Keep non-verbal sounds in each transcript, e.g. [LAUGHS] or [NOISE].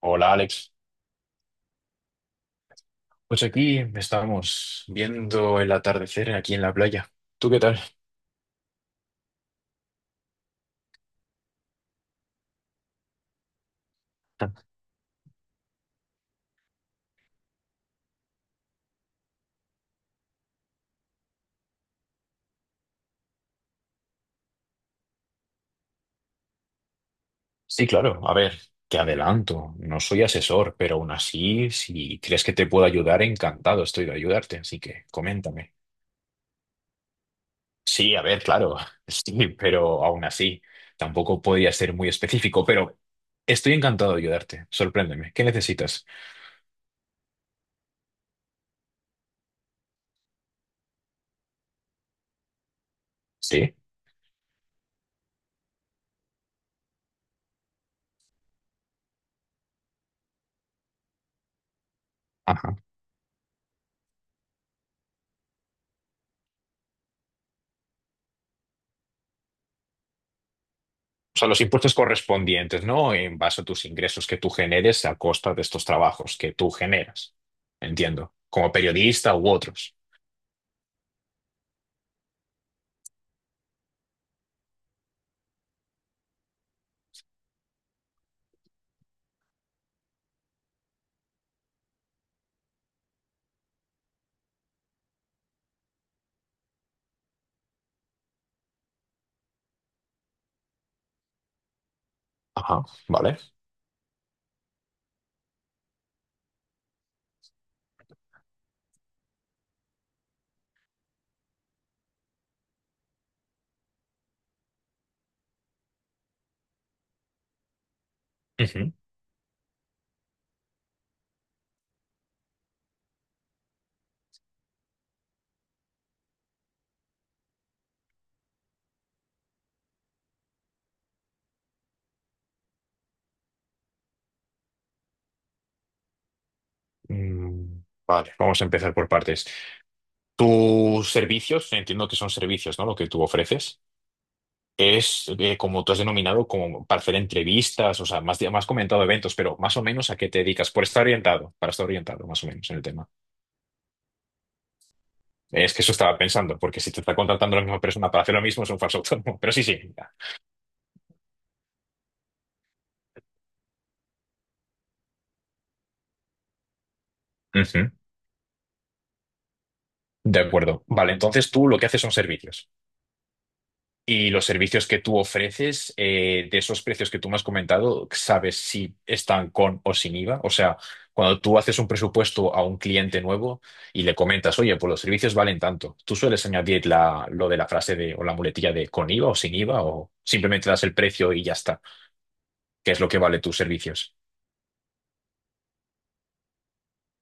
Hola Alex, pues aquí estamos viendo el atardecer aquí en la playa. ¿Tú qué tal? Sí, claro, a ver, te adelanto, no soy asesor, pero aún así, si crees que te puedo ayudar, encantado estoy de ayudarte, así que coméntame. Sí, a ver, claro, [LAUGHS] sí, pero aún así, tampoco podría ser muy específico, pero estoy encantado de ayudarte, sorpréndeme, ¿qué necesitas? Sí. O sea, los impuestos correspondientes, ¿no? En base a tus ingresos que tú generes a costa de estos trabajos que tú generas. Entiendo. Como periodista u otros. Ajá, vale. Ujú. Vale, vamos a empezar por partes. Tus servicios, entiendo que son servicios, ¿no? Lo que tú ofreces. Es como tú has denominado, como para hacer entrevistas, o sea, más comentado eventos, pero más o menos a qué te dedicas, por estar orientado, para estar orientado más o menos en el tema. Es que eso estaba pensando, porque si te está contratando la misma persona para hacer lo mismo, es un falso autónomo. Pero sí, sí. Ya. Ujú. De acuerdo. Vale, entonces tú lo que haces son servicios. Y los servicios que tú ofreces, de esos precios que tú me has comentado, ¿sabes si están con o sin IVA? O sea, cuando tú haces un presupuesto a un cliente nuevo y le comentas, oye, pues los servicios valen tanto, ¿tú sueles añadir lo de la frase de, o la muletilla de con IVA o sin IVA? ¿O simplemente das el precio y ya está? ¿Qué es lo que vale tus servicios?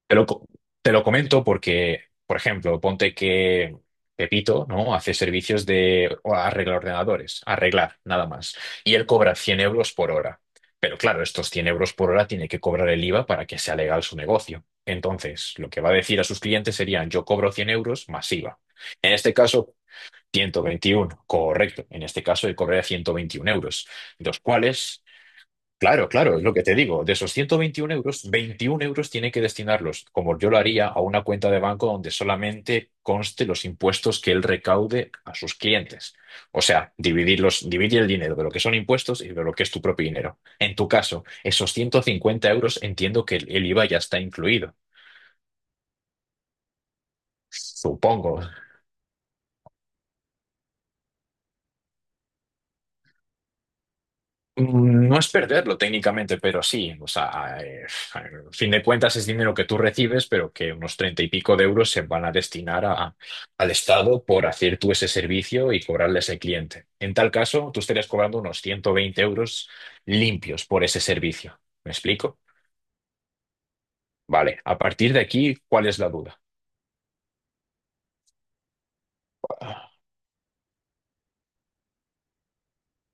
Te lo, co- Te lo comento porque, por ejemplo, ponte que Pepito, ¿no? Hace servicios de o arreglar ordenadores, arreglar, nada más. Y él cobra 100 euros por hora. Pero claro, estos 100 euros por hora tiene que cobrar el IVA para que sea legal su negocio. Entonces, lo que va a decir a sus clientes serían: yo cobro 100 euros más IVA. En este caso, 121, correcto. En este caso, él cobraría 121 euros, los cuales... Claro, claro, es lo que te digo. De esos 121 euros, 21 euros tiene que destinarlos, como yo lo haría, a una cuenta de banco donde solamente conste los impuestos que él recaude a sus clientes. O sea, dividir el dinero de lo que son impuestos y de lo que es tu propio dinero. En tu caso, esos 150 euros entiendo que el IVA ya está incluido. Supongo. No es perderlo técnicamente, pero sí, o sea, a fin de cuentas es dinero que tú recibes, pero que unos treinta y pico de euros se van a destinar al Estado por hacer tú ese servicio y cobrarle a ese cliente. En tal caso, tú estarías cobrando unos 120 euros limpios por ese servicio. ¿Me explico? Vale, a partir de aquí, ¿cuál es la duda?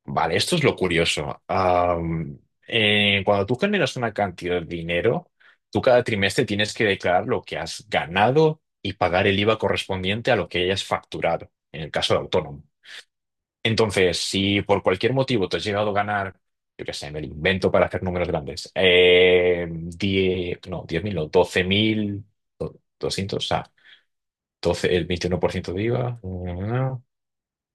Vale, esto es lo curioso. Cuando tú generas una cantidad de dinero, tú cada trimestre tienes que declarar lo que has ganado y pagar el IVA correspondiente a lo que hayas facturado, en el caso de autónomo. Entonces, si por cualquier motivo te has llegado a ganar, yo qué sé, me lo invento para hacer números grandes, 10, no, 10.000, no, 12.200, o sea, 12 el 21% de IVA,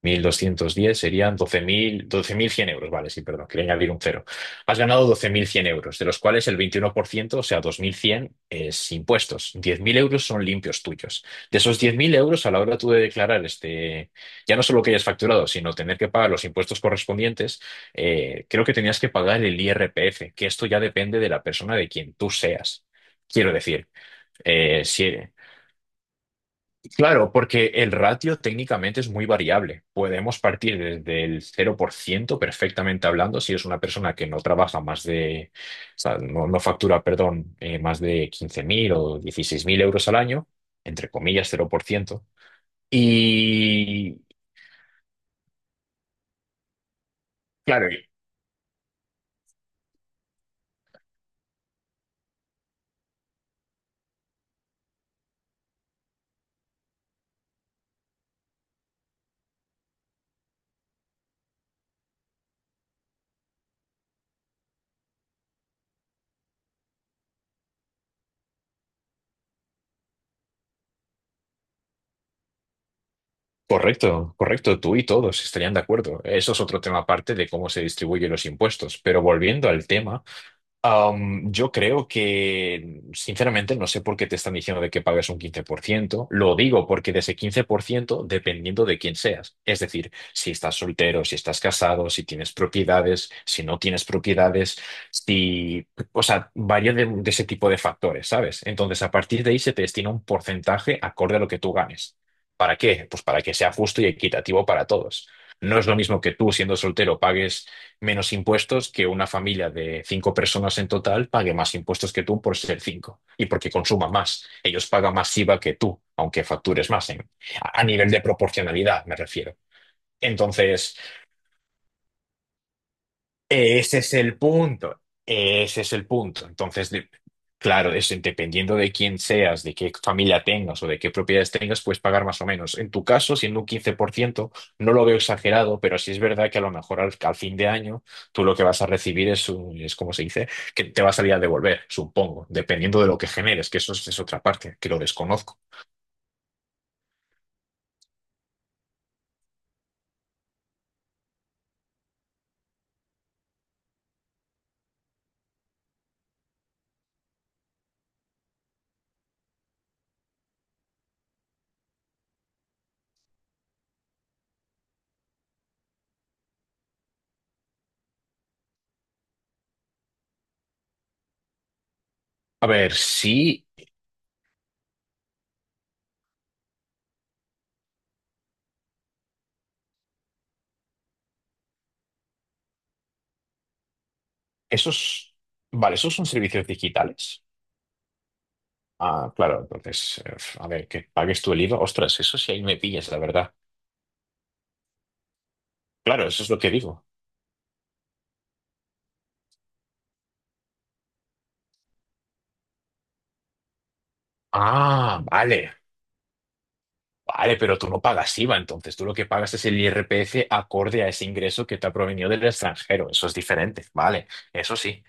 1.210 serían 12.100 euros, vale, sí, perdón, quería añadir un cero. Has ganado 12.100 euros, de los cuales el 21%, o sea, 2.100 es impuestos. 10.000 euros son limpios tuyos. De esos 10.000 euros, a la hora tú de declarar este, ya no solo que hayas facturado, sino tener que pagar los impuestos correspondientes, creo que tenías que pagar el IRPF, que esto ya depende de la persona de quien tú seas. Quiero decir, si, claro, porque el ratio técnicamente es muy variable. Podemos partir desde el 0%, perfectamente hablando, si es una persona que no trabaja más de, o sea, no, no factura, perdón, más de 15.000 o 16.000 euros al año, entre comillas, 0%. Y claro, correcto, correcto, tú y todos estarían de acuerdo. Eso es otro tema aparte de cómo se distribuyen los impuestos. Pero volviendo al tema. Yo creo que, sinceramente, no sé por qué te están diciendo de que pagues un 15%. Lo digo porque de ese 15%, dependiendo de quién seas, es decir, si estás soltero, si estás casado, si tienes propiedades, si no tienes propiedades, si, o sea, varía de ese tipo de factores, ¿sabes? Entonces, a partir de ahí se te destina un porcentaje acorde a lo que tú ganes. ¿Para qué? Pues para que sea justo y equitativo para todos. No es lo mismo que tú, siendo soltero, pagues menos impuestos que una familia de 5 personas en total pague más impuestos que tú por ser cinco y porque consuma más. Ellos pagan más IVA que tú, aunque factures más a nivel de proporcionalidad, me refiero. Entonces, ese es el punto, ese es el punto. Entonces, claro, es dependiendo de quién seas, de qué familia tengas o de qué propiedades tengas, puedes pagar más o menos. En tu caso, siendo un 15%, no lo veo exagerado, pero sí es verdad que a lo mejor al fin de año tú lo que vas a recibir es, es como se dice, que te va a salir a devolver, supongo, dependiendo de lo que generes, que eso es otra parte, que lo desconozco. A ver, sí, esos, vale, esos son servicios digitales. Ah, claro, entonces, a ver, que pagues tú el IVA. Ostras, eso sí ahí me pillas, la verdad. Claro, eso es lo que digo. Ah, vale, vale, pero tú no pagas IVA, entonces tú lo que pagas es el IRPF acorde a ese ingreso que te ha provenido del extranjero. Eso es diferente, vale, eso sí.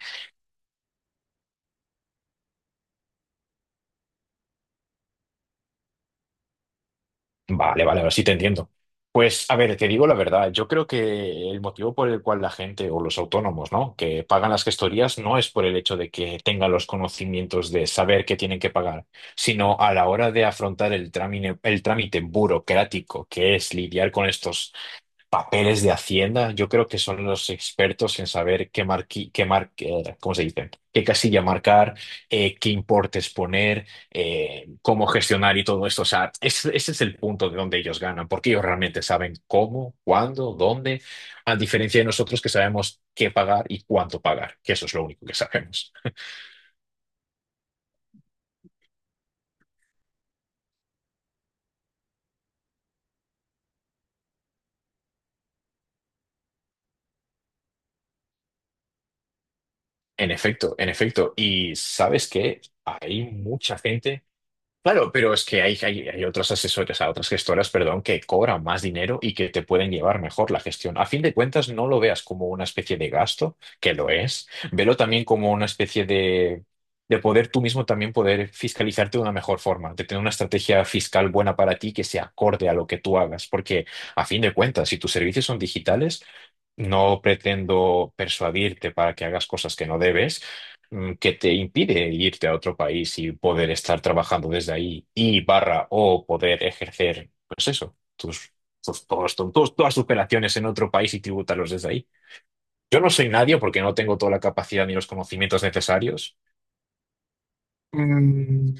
Vale, vale, ahora sí te entiendo. Pues a ver, te digo la verdad, yo creo que el motivo por el cual la gente o los autónomos, ¿no?, que pagan las gestorías no es por el hecho de que tengan los conocimientos de saber que tienen que pagar, sino a la hora de afrontar el trámite burocrático que es lidiar con estos papeles de Hacienda. Yo creo que son los expertos en saber qué marqui, qué mar, ¿cómo se dice? Qué casilla marcar, qué importes poner, cómo gestionar y todo esto. O sea, ese es el punto de donde ellos ganan, porque ellos realmente saben cómo, cuándo, dónde, a diferencia de nosotros que sabemos qué pagar y cuánto pagar, que eso es lo único que sabemos. En efecto, en efecto. Y ¿sabes qué? Hay mucha gente. Claro, pero es que hay otros asesores, o otras gestoras, perdón, que cobran más dinero y que te pueden llevar mejor la gestión. A fin de cuentas, no lo veas como una especie de gasto, que lo es, velo también como una especie de, poder tú mismo también poder fiscalizarte de una mejor forma, de tener una estrategia fiscal buena para ti que se acorde a lo que tú hagas, porque a fin de cuentas, si tus servicios son digitales, no pretendo persuadirte para que hagas cosas que no debes, que te impide irte a otro país y poder estar trabajando desde ahí y barra o poder ejercer, pues eso, todas tus operaciones en otro país y tributarlos desde ahí. Yo no soy nadie porque no tengo toda la capacidad ni los conocimientos necesarios. Mm,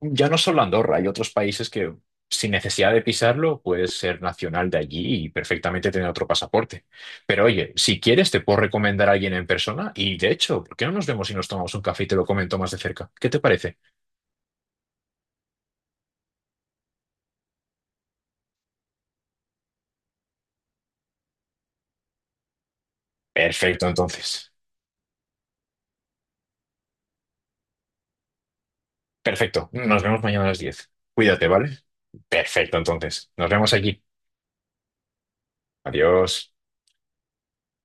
ya no solo Andorra, hay otros países que sin necesidad de pisarlo puedes ser nacional de allí y perfectamente tener otro pasaporte. Pero oye, si quieres te puedo recomendar a alguien en persona y, de hecho, ¿por qué no nos vemos y nos tomamos un café y te lo comento más de cerca? ¿Qué te parece? Perfecto, entonces. Perfecto. Nos vemos mañana a las 10. Cuídate, ¿vale? Perfecto, entonces. Nos vemos allí. Adiós.